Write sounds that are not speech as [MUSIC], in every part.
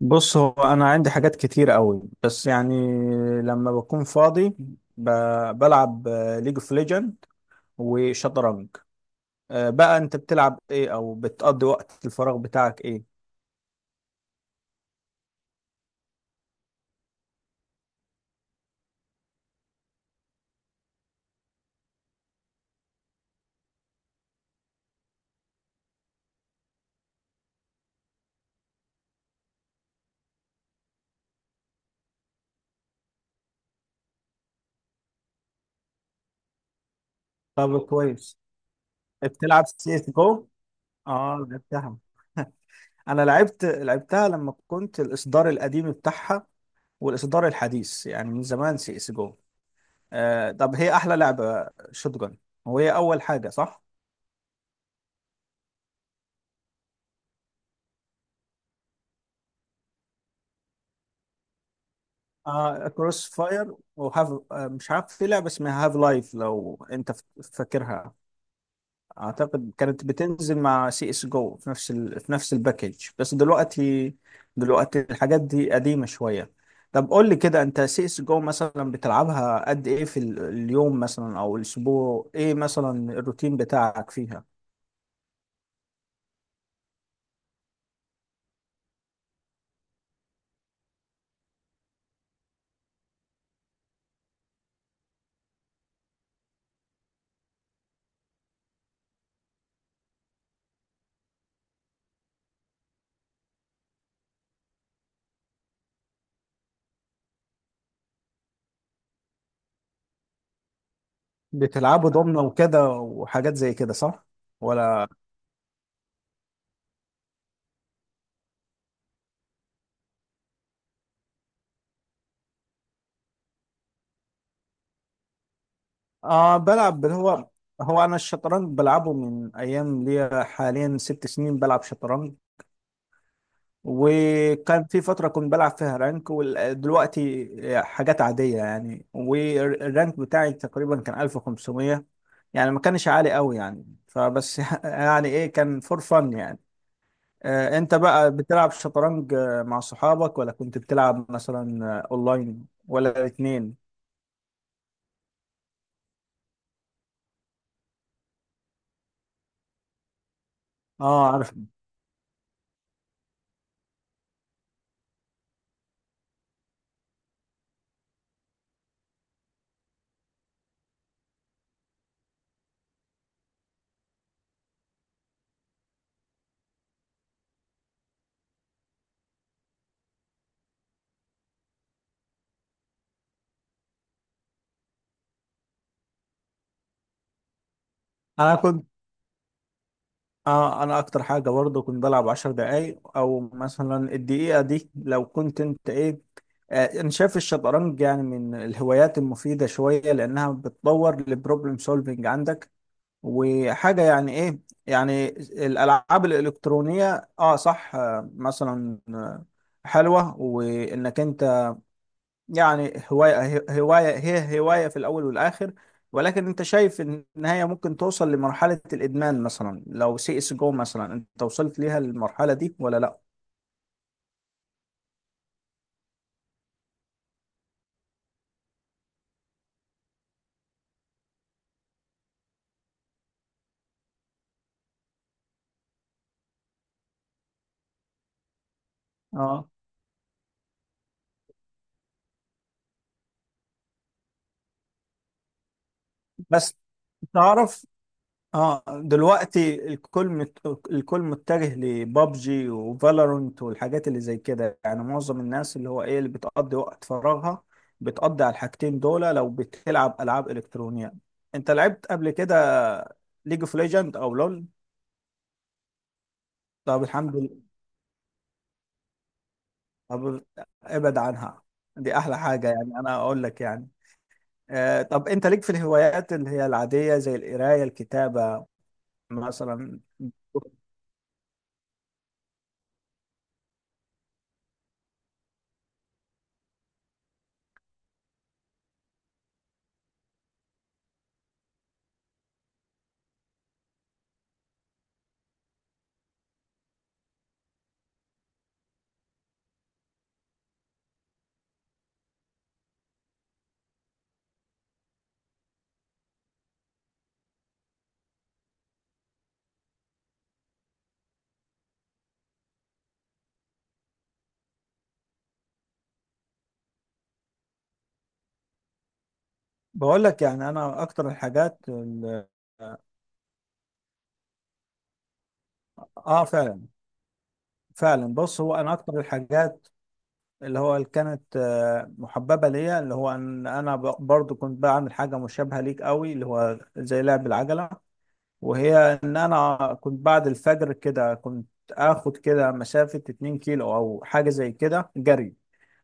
بص هو انا عندي حاجات كتير قوي بس يعني لما بكون فاضي ب... بلعب ليج اوف ليجند وشطرنج. بقى انت بتلعب ايه او بتقضي وقت الفراغ بتاعك ايه؟ طب كويس. بتلعب سي اس جو؟ اه لعبتها. [LAUGHS] انا لعبت لعبتها لما كنت الاصدار القديم بتاعها والاصدار الحديث، يعني من زمان سي اس جو. طب هي احلى لعبة شوتجن وهي اول حاجة، صح؟ آه، كروس فاير. وهاف، آه مش عارف، في لعبة اسمها هاف لايف لو انت فاكرها. اعتقد كانت بتنزل مع سي اس جو في في نفس الباكج، بس دلوقتي دلوقتي الحاجات دي قديمة شوية. طب قول لي كده، انت سي اس جو مثلا بتلعبها قد ايه في اليوم مثلا او الاسبوع، ايه مثلا الروتين بتاعك فيها؟ بتلعبه ضمنه وكده وحاجات زي كده، صح؟ ولا. آه بلعب. هو أنا الشطرنج بلعبه من أيام ليا، حاليا ست سنين بلعب شطرنج. وكان في فترة كنت بلعب فيها رانك، ودلوقتي حاجات عادية يعني، والرانك بتاعي تقريبا كان 1500، يعني ما كانش عالي قوي يعني فبس. [LAUGHS] يعني إيه، كان فور فن يعني. آه، أنت بقى بتلعب شطرنج مع صحابك، ولا كنت بتلعب مثلا أونلاين، ولا الاتنين؟ اه عارف. انا كنت اه انا اكتر حاجه برضه كنت بلعب عشر دقايق، او مثلا الدقيقه دي، لو كنت انت ايه. آه انا شايف الشطرنج يعني من الهوايات المفيده شويه، لانها بتطور البروبلم سولفنج عندك. وحاجه يعني ايه، يعني الالعاب الالكترونيه اه صح. آه مثلا آه، حلوه وانك انت، يعني هواية هي هواية في الأول والآخر. ولكن أنت شايف إن النهاية ممكن توصل لمرحلة الإدمان، مثلا لو سي اس جو مثلا أنت وصلت ليها المرحلة دي ولا لأ؟ اه بس تعرف. اه دلوقتي الكل متجه لبابجي وفالورنت والحاجات اللي زي كده، يعني معظم الناس، اللي هو ايه، اللي بتقضي وقت فراغها بتقضي على الحاجتين دول لو بتلعب العاب الكترونيه. انت لعبت قبل كده ليج اوف ليجند او لول؟ طب الحمد. طب ابعد عنها، دي احلى حاجة يعني، انا اقول لك يعني. آه طب انت ليك في الهوايات اللي هي العادية زي القراية الكتابة مثلا؟ بقول لك يعني انا اكتر اه. فعلا. فعلا بص، هو انا اكتر الحاجات اللي هو اللي كانت محببة ليا، اللي هو ان انا برضو كنت بعمل حاجة مشابهة ليك قوي، اللي هو زي لعب العجلة. وهي ان انا كنت بعد الفجر كده كنت اخد كده مسافة 2 كيلو او حاجة زي كده جري.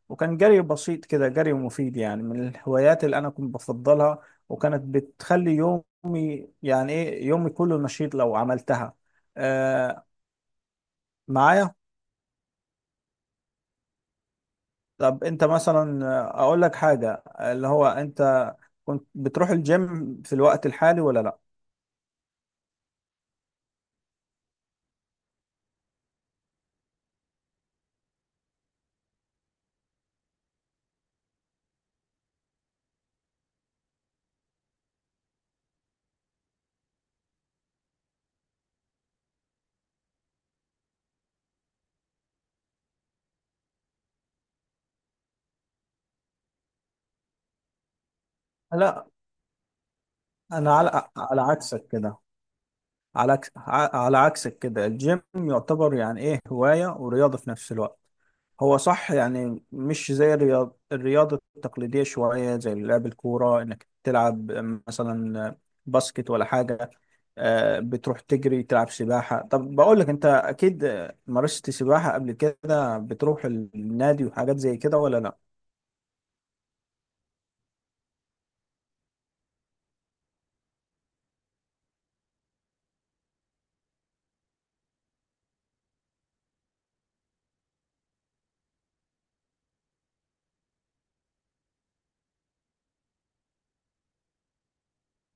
وكان جري بسيط كده، جري مفيد، يعني من الهوايات اللي انا كنت بفضلها. وكانت بتخلي يومي، يعني ايه، يومي كله نشيط لو عملتها. آه معايا. طب انت مثلا اقول لك حاجة، اللي هو انت كنت بتروح الجيم في الوقت الحالي ولا لا؟ لا انا على عكسك كده، على على عكسك كده، الجيم يعتبر يعني ايه هواية ورياضة في نفس الوقت. هو صح يعني، مش زي الرياضة التقليدية شوية، زي لعب الكورة، انك تلعب مثلا باسكت ولا حاجة. بتروح تجري، تلعب سباحة. طب بقول لك، انت اكيد مارست سباحة قبل كده، بتروح النادي وحاجات زي كده ولا لا؟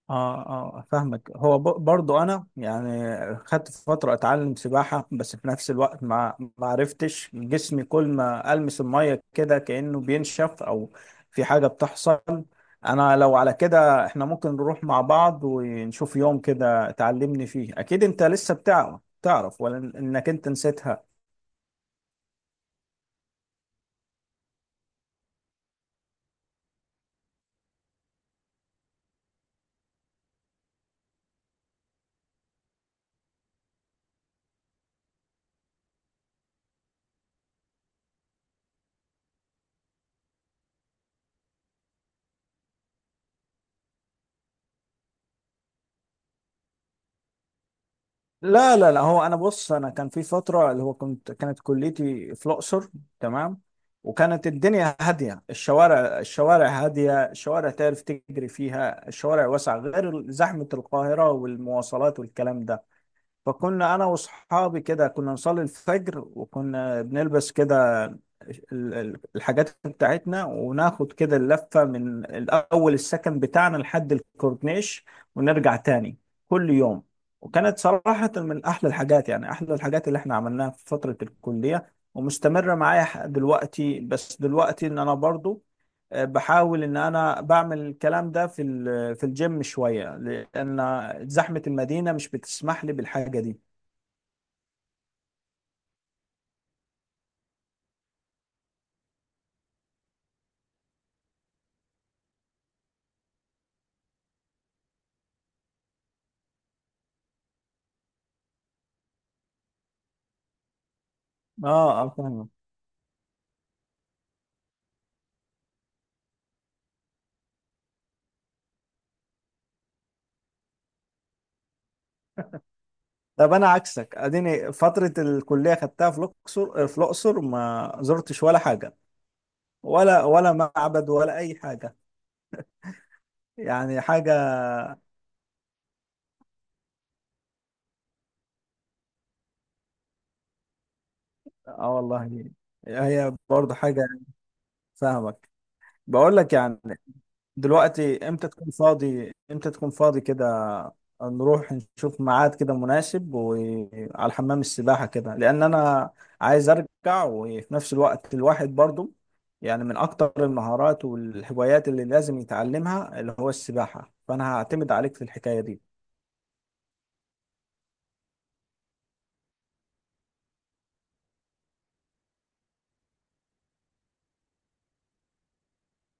اه اه فاهمك. هو برضو انا يعني خدت فتره اتعلم سباحه، بس في نفس الوقت ما عرفتش جسمي، كل ما المس الميه كده كانه بينشف او في حاجه بتحصل. انا لو على كده احنا ممكن نروح مع بعض ونشوف يوم كده تعلمني فيه، اكيد انت لسه بتعرف تعرف، ولا انك انت نسيتها؟ لا لا لا، هو انا بص، انا كان في فتره اللي هو كنت كانت كليتي في الاقصر. تمام. وكانت الدنيا هاديه، الشوارع الشوارع هاديه، الشوارع تعرف تجري فيها، الشوارع واسعه، غير زحمه القاهره والمواصلات والكلام ده. فكنا انا واصحابي كده كنا نصلي الفجر، وكنا بنلبس كده الحاجات بتاعتنا، وناخد كده اللفة من الاول السكن بتاعنا لحد الكورنيش ونرجع تاني، كل يوم. وكانت صراحة من احلى الحاجات، يعني احلى الحاجات اللي احنا عملناها في فترة الكلية، ومستمرة معايا دلوقتي. بس دلوقتي ان انا برضو بحاول ان انا بعمل الكلام ده في في الجيم شوية، لأن زحمة المدينة مش بتسمح لي بالحاجة دي. اه اه فاهم. طب أنا عكسك، أديني فترة الكلية خدتها في الأقصر، في الأقصر ما زرتش ولا حاجة، ولا ولا معبد ولا أي حاجة، يعني حاجة. آه والله، هي برضه حاجة. فاهمك. بقول لك يعني، دلوقتي امتى تكون فاضي، امتى تكون فاضي كده نروح نشوف ميعاد كده مناسب وعلى حمام السباحة كده، لأن أنا عايز أرجع. وفي نفس الوقت الواحد برضو يعني من أكتر المهارات والهوايات اللي لازم يتعلمها اللي هو السباحة، فأنا هعتمد عليك في الحكاية دي.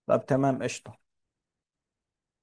طب تمام، قشطة.